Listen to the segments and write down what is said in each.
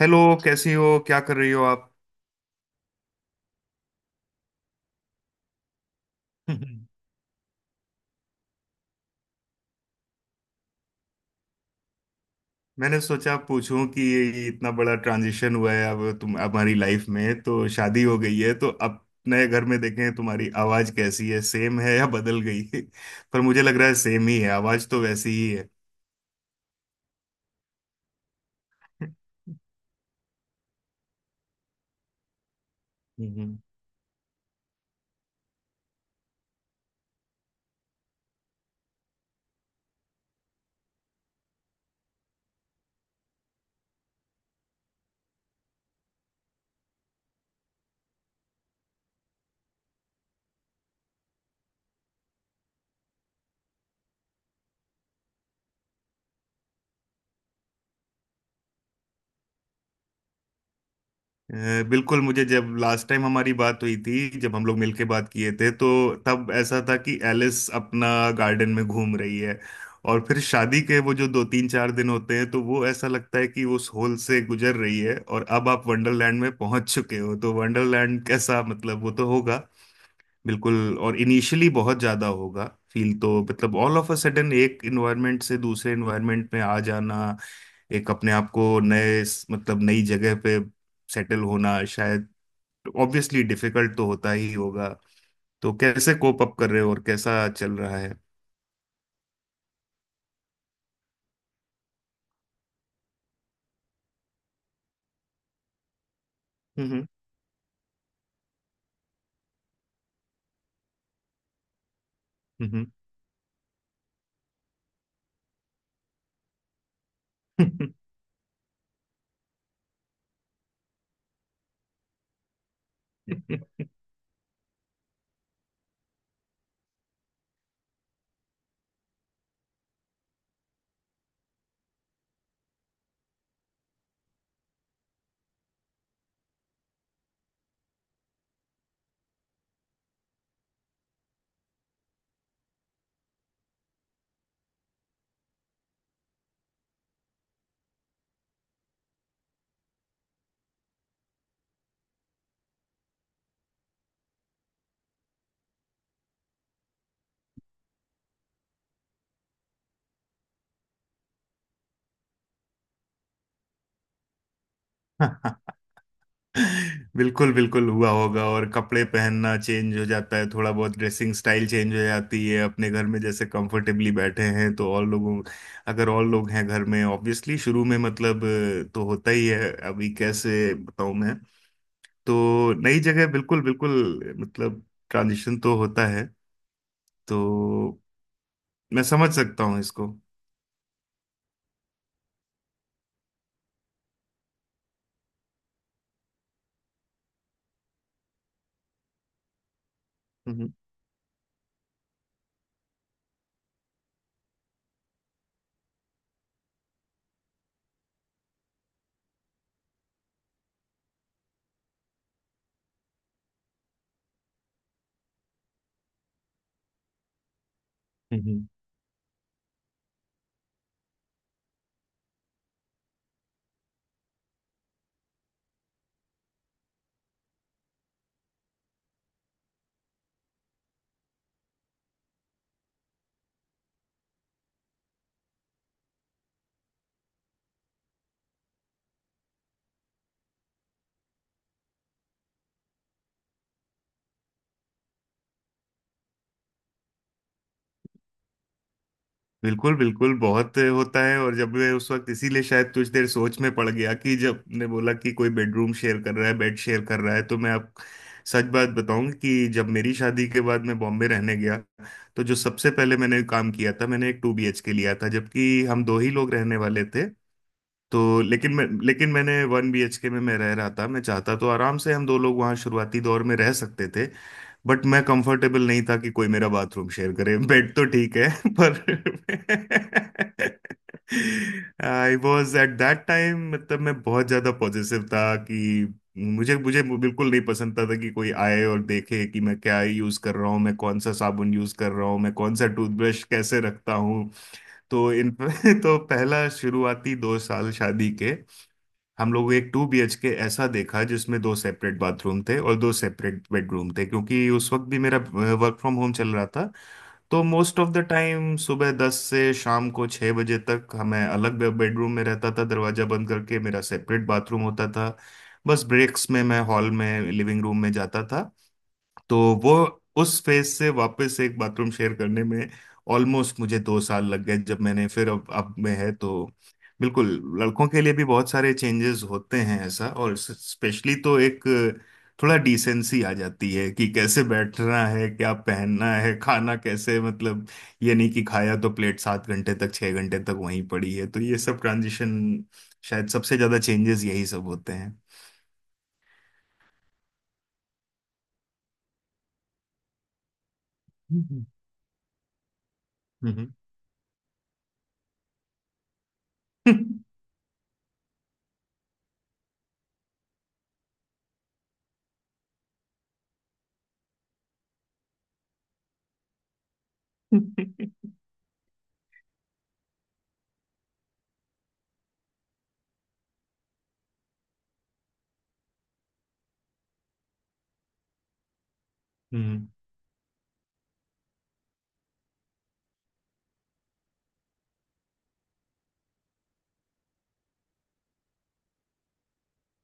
Hello. कैसी हो, क्या कर रही हो आप? हम्म। मैंने सोचा पूछूं कि ये इतना बड़ा ट्रांजिशन हुआ है, अब तुम हमारी लाइफ में, तो शादी हो गई है तो अब नए घर में देखें तुम्हारी आवाज कैसी है, सेम है या बदल गई है। पर मुझे लग रहा है सेम ही है, आवाज तो वैसी ही है। बिल्कुल। मुझे जब लास्ट टाइम हमारी बात हुई थी, जब हम लोग मिलके बात किए थे, तो तब ऐसा था कि एलिस अपना गार्डन में घूम रही है, और फिर शादी के वो जो दो तीन चार दिन होते हैं तो वो ऐसा लगता है कि उस होल से गुजर रही है, और अब आप वंडरलैंड में पहुंच चुके हो, तो वंडरलैंड कैसा, मतलब वो तो होगा बिल्कुल, और इनिशियली बहुत ज्यादा होगा फील तो। मतलब ऑल ऑफ अ सडन एक इन्वायरमेंट से दूसरे इन्वायरमेंट में आ जाना, एक अपने आप को नए, मतलब नई जगह पे सेटल होना, शायद ऑब्वियसली डिफिकल्ट तो होता ही होगा। तो कैसे कोप अप कर रहे हो और कैसा चल रहा है? हम्म हम्म हम्म। बिल्कुल बिल्कुल हुआ होगा। और कपड़े पहनना चेंज हो जाता है, थोड़ा बहुत ड्रेसिंग स्टाइल चेंज हो जाती है, अपने घर में जैसे कंफर्टेबली बैठे हैं तो और लोगों, अगर और लोग हैं घर में ऑब्वियसली शुरू में, मतलब तो होता ही है। अभी कैसे बताऊं मैं, तो नई जगह बिल्कुल बिल्कुल, मतलब ट्रांजिशन तो होता है, तो मैं समझ सकता हूँ इसको। हम्म हम्म। बिल्कुल बिल्कुल बहुत होता है। और जब मैं उस वक्त इसीलिए शायद कुछ देर सोच में पड़ गया कि जब ने बोला कि कोई बेडरूम शेयर कर रहा है, बेड शेयर कर रहा है, तो मैं आप सच बात बताऊं कि जब मेरी शादी के बाद मैं बॉम्बे रहने गया तो जो सबसे पहले मैंने काम किया था, मैंने एक टू बीएचके लिया था जबकि हम दो ही लोग रहने वाले थे। तो लेकिन मैंने वन बीएचके में मैं रह रहा था, मैं चाहता तो आराम से हम दो लोग वहाँ शुरुआती दौर में रह सकते थे। बट मैं कंफर्टेबल नहीं था कि कोई मेरा बाथरूम शेयर करे, बेड तो ठीक है। पर I was at that time, मतलब मैं बहुत ज्यादा पॉजिटिव था कि मुझे मुझे बिल्कुल नहीं पसंद था कि कोई आए और देखे कि मैं क्या यूज कर रहा हूँ, मैं कौन सा साबुन यूज कर रहा हूँ, मैं कौन सा टूथब्रश कैसे रखता हूँ। तो इन तो पहला शुरुआती 2 साल शादी के, हम लोग एक टू बीएचके ऐसा देखा जिसमें दो सेपरेट बाथरूम थे और दो सेपरेट बेडरूम थे। क्योंकि उस वक्त भी मेरा वर्क फ्रॉम होम चल रहा था, तो मोस्ट ऑफ द टाइम सुबह दस से शाम को छः बजे तक हमें अलग बेडरूम में रहता था, दरवाजा बंद करके मेरा सेपरेट बाथरूम होता था। बस ब्रेक्स में मैं हॉल में, लिविंग रूम में जाता था। तो वो उस फेज से वापस एक बाथरूम शेयर करने में ऑलमोस्ट मुझे 2 साल लग गए जब मैंने फिर अब में है तो बिल्कुल। लड़कों के लिए भी बहुत सारे चेंजेस होते हैं ऐसा, और स्पेशली तो एक थोड़ा डिसेंसी आ जाती है कि कैसे बैठना है, क्या पहनना है, खाना कैसे, मतलब ये नहीं कि खाया तो प्लेट 7 घंटे तक 6 घंटे तक वहीं पड़ी है। तो ये सब ट्रांजिशन शायद सबसे ज्यादा चेंजेस यही सब होते हैं। हम्म हम्म। हम्म,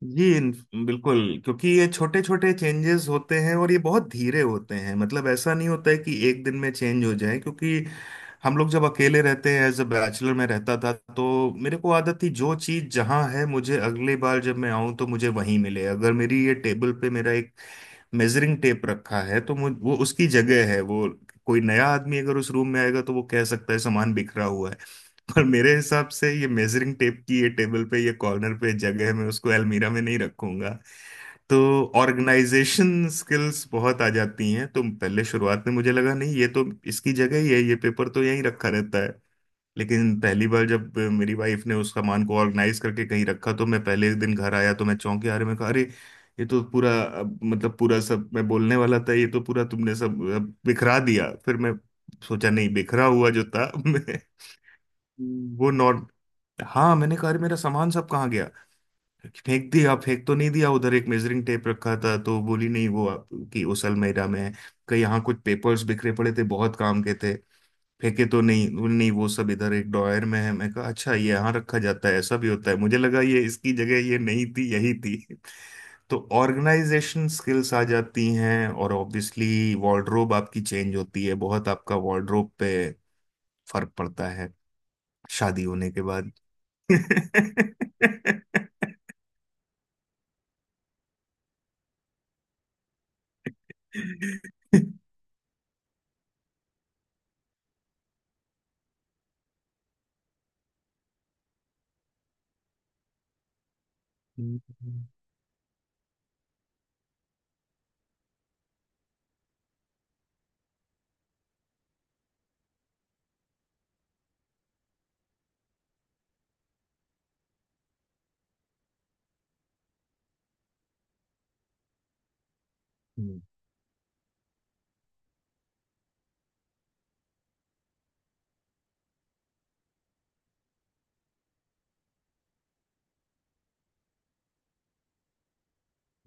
जी बिल्कुल। क्योंकि ये छोटे छोटे चेंजेस होते हैं और ये बहुत धीरे होते हैं, मतलब ऐसा नहीं होता है कि एक दिन में चेंज हो जाए, क्योंकि हम लोग जब अकेले रहते हैं, एज अ बैचलर में रहता था तो मेरे को आदत थी जो चीज़ जहाँ है, मुझे अगली बार जब मैं आऊँ तो मुझे वहीं मिले। अगर मेरी ये टेबल पे मेरा एक मेजरिंग टेप रखा है तो मुझ वो उसकी जगह है वो। कोई नया आदमी अगर उस रूम में आएगा तो वो कह सकता है सामान बिखरा हुआ है, पर मेरे हिसाब से ये मेजरिंग टेप की ये टेबल पे ये कॉर्नर पे जगह है, मैं उसको अलमीरा में नहीं रखूंगा। तो ऑर्गेनाइजेशन स्किल्स बहुत आ जाती हैं, तो पहले शुरुआत में मुझे लगा नहीं ये तो इसकी जगह ही है, ये पेपर तो यहीं रखा रहता है। लेकिन पहली बार जब मेरी वाइफ ने उस सामान को ऑर्गेनाइज करके कहीं रखा तो मैं पहले दिन घर आया तो मैं चौंक गया, अरे मैं कहा अरे ये तो पूरा अब, मतलब पूरा सब मैं बोलने वाला था ये तो पूरा तुमने सब अब बिखरा दिया, फिर मैं सोचा नहीं बिखरा हुआ जो था। मैं वो नॉर हाँ मैंने कहा अरे मेरा सामान सब कहाँ गया? फेंक दिया? फेंक तो नहीं दिया, उधर एक मेजरिंग टेप रखा था तो बोली नहीं वो आपकी उस अलमीरा में है, कहीं यहाँ कुछ पेपर्स बिखरे पड़े थे बहुत काम के थे, फेंके तो नहीं? बोली, नहीं वो सब इधर एक ड्रॉयर में है। मैं कहा अच्छा ये यहाँ रखा जाता है, ऐसा भी होता है, मुझे लगा ये इसकी जगह ये नहीं थी यही थी। तो ऑर्गेनाइजेशन स्किल्स आ जाती हैं और ऑब्वियसली वार्डरोब आपकी चेंज होती है, बहुत आपका वार्डरोब पे फर्क पड़ता है शादी होने के। हम्म हम्म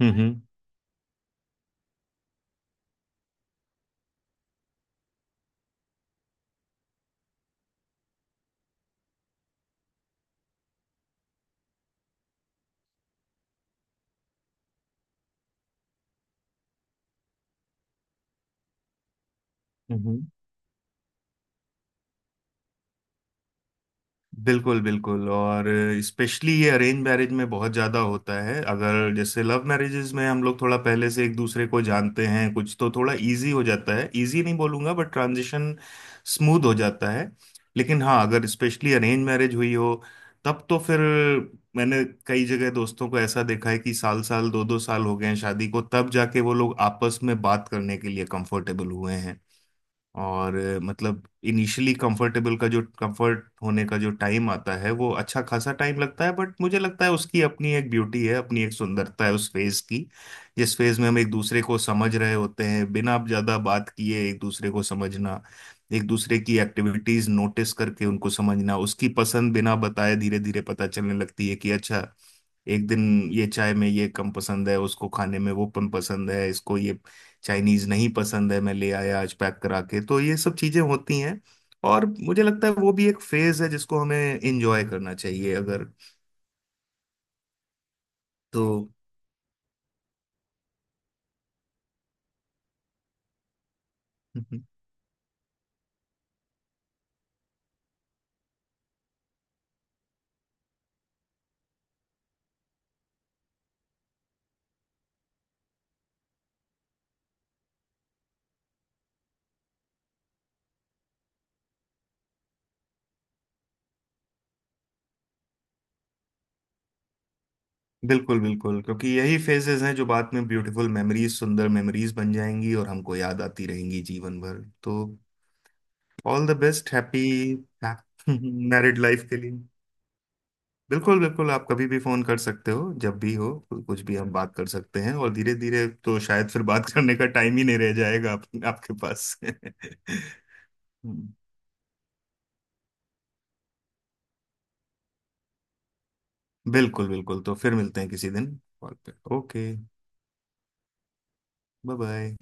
हम्म, हम्म, बिल्कुल बिल्कुल। और स्पेशली ये अरेंज मैरिज में बहुत ज़्यादा होता है, अगर जैसे लव मैरिजेज में हम लोग थोड़ा पहले से एक दूसरे को जानते हैं, कुछ तो थोड़ा इजी हो जाता है, इजी नहीं बोलूँगा बट ट्रांजिशन स्मूथ हो जाता है। लेकिन हाँ अगर स्पेशली अरेंज मैरिज हुई हो तब तो फिर मैंने कई जगह दोस्तों को ऐसा देखा है कि साल साल दो दो साल हो गए हैं शादी को तब जाके वो लोग आपस में बात करने के लिए कंफर्टेबल हुए हैं। और मतलब इनिशियली कंफर्टेबल का जो कंफर्ट होने का जो टाइम आता है वो अच्छा खासा टाइम लगता है। बट मुझे लगता है उसकी अपनी एक ब्यूटी है, अपनी एक सुंदरता है उस फेज की, जिस फेज में हम एक दूसरे को समझ रहे होते हैं, बिना ज्यादा बात किए एक दूसरे को समझना, एक दूसरे की एक्टिविटीज नोटिस करके उनको समझना, उसकी पसंद बिना बताए धीरे धीरे पता चलने लगती है कि अच्छा एक दिन ये चाय में ये कम पसंद है, उसको खाने में वो कम पसंद है, इसको ये चाइनीज नहीं पसंद है मैं ले आया आज पैक करा के। तो ये सब चीजें होती हैं और मुझे लगता है वो भी एक फेज है जिसको हमें एंजॉय करना चाहिए, अगर तो। हम्म, बिल्कुल बिल्कुल, क्योंकि यही फेजेस हैं जो बाद में ब्यूटीफुल मेमोरीज सुंदर मेमोरीज बन जाएंगी और हमको याद आती रहेंगी जीवन भर तो। All the best, happy married life के लिए। बिल्कुल बिल्कुल, आप कभी भी फोन कर सकते हो जब भी हो, कुछ भी हम बात कर सकते हैं, और धीरे धीरे तो शायद फिर बात करने का टाइम ही नहीं रह जाएगा आपके पास। हम्म, बिल्कुल बिल्कुल। तो फिर मिलते हैं किसी दिन कॉल पे। Okay, bye bye.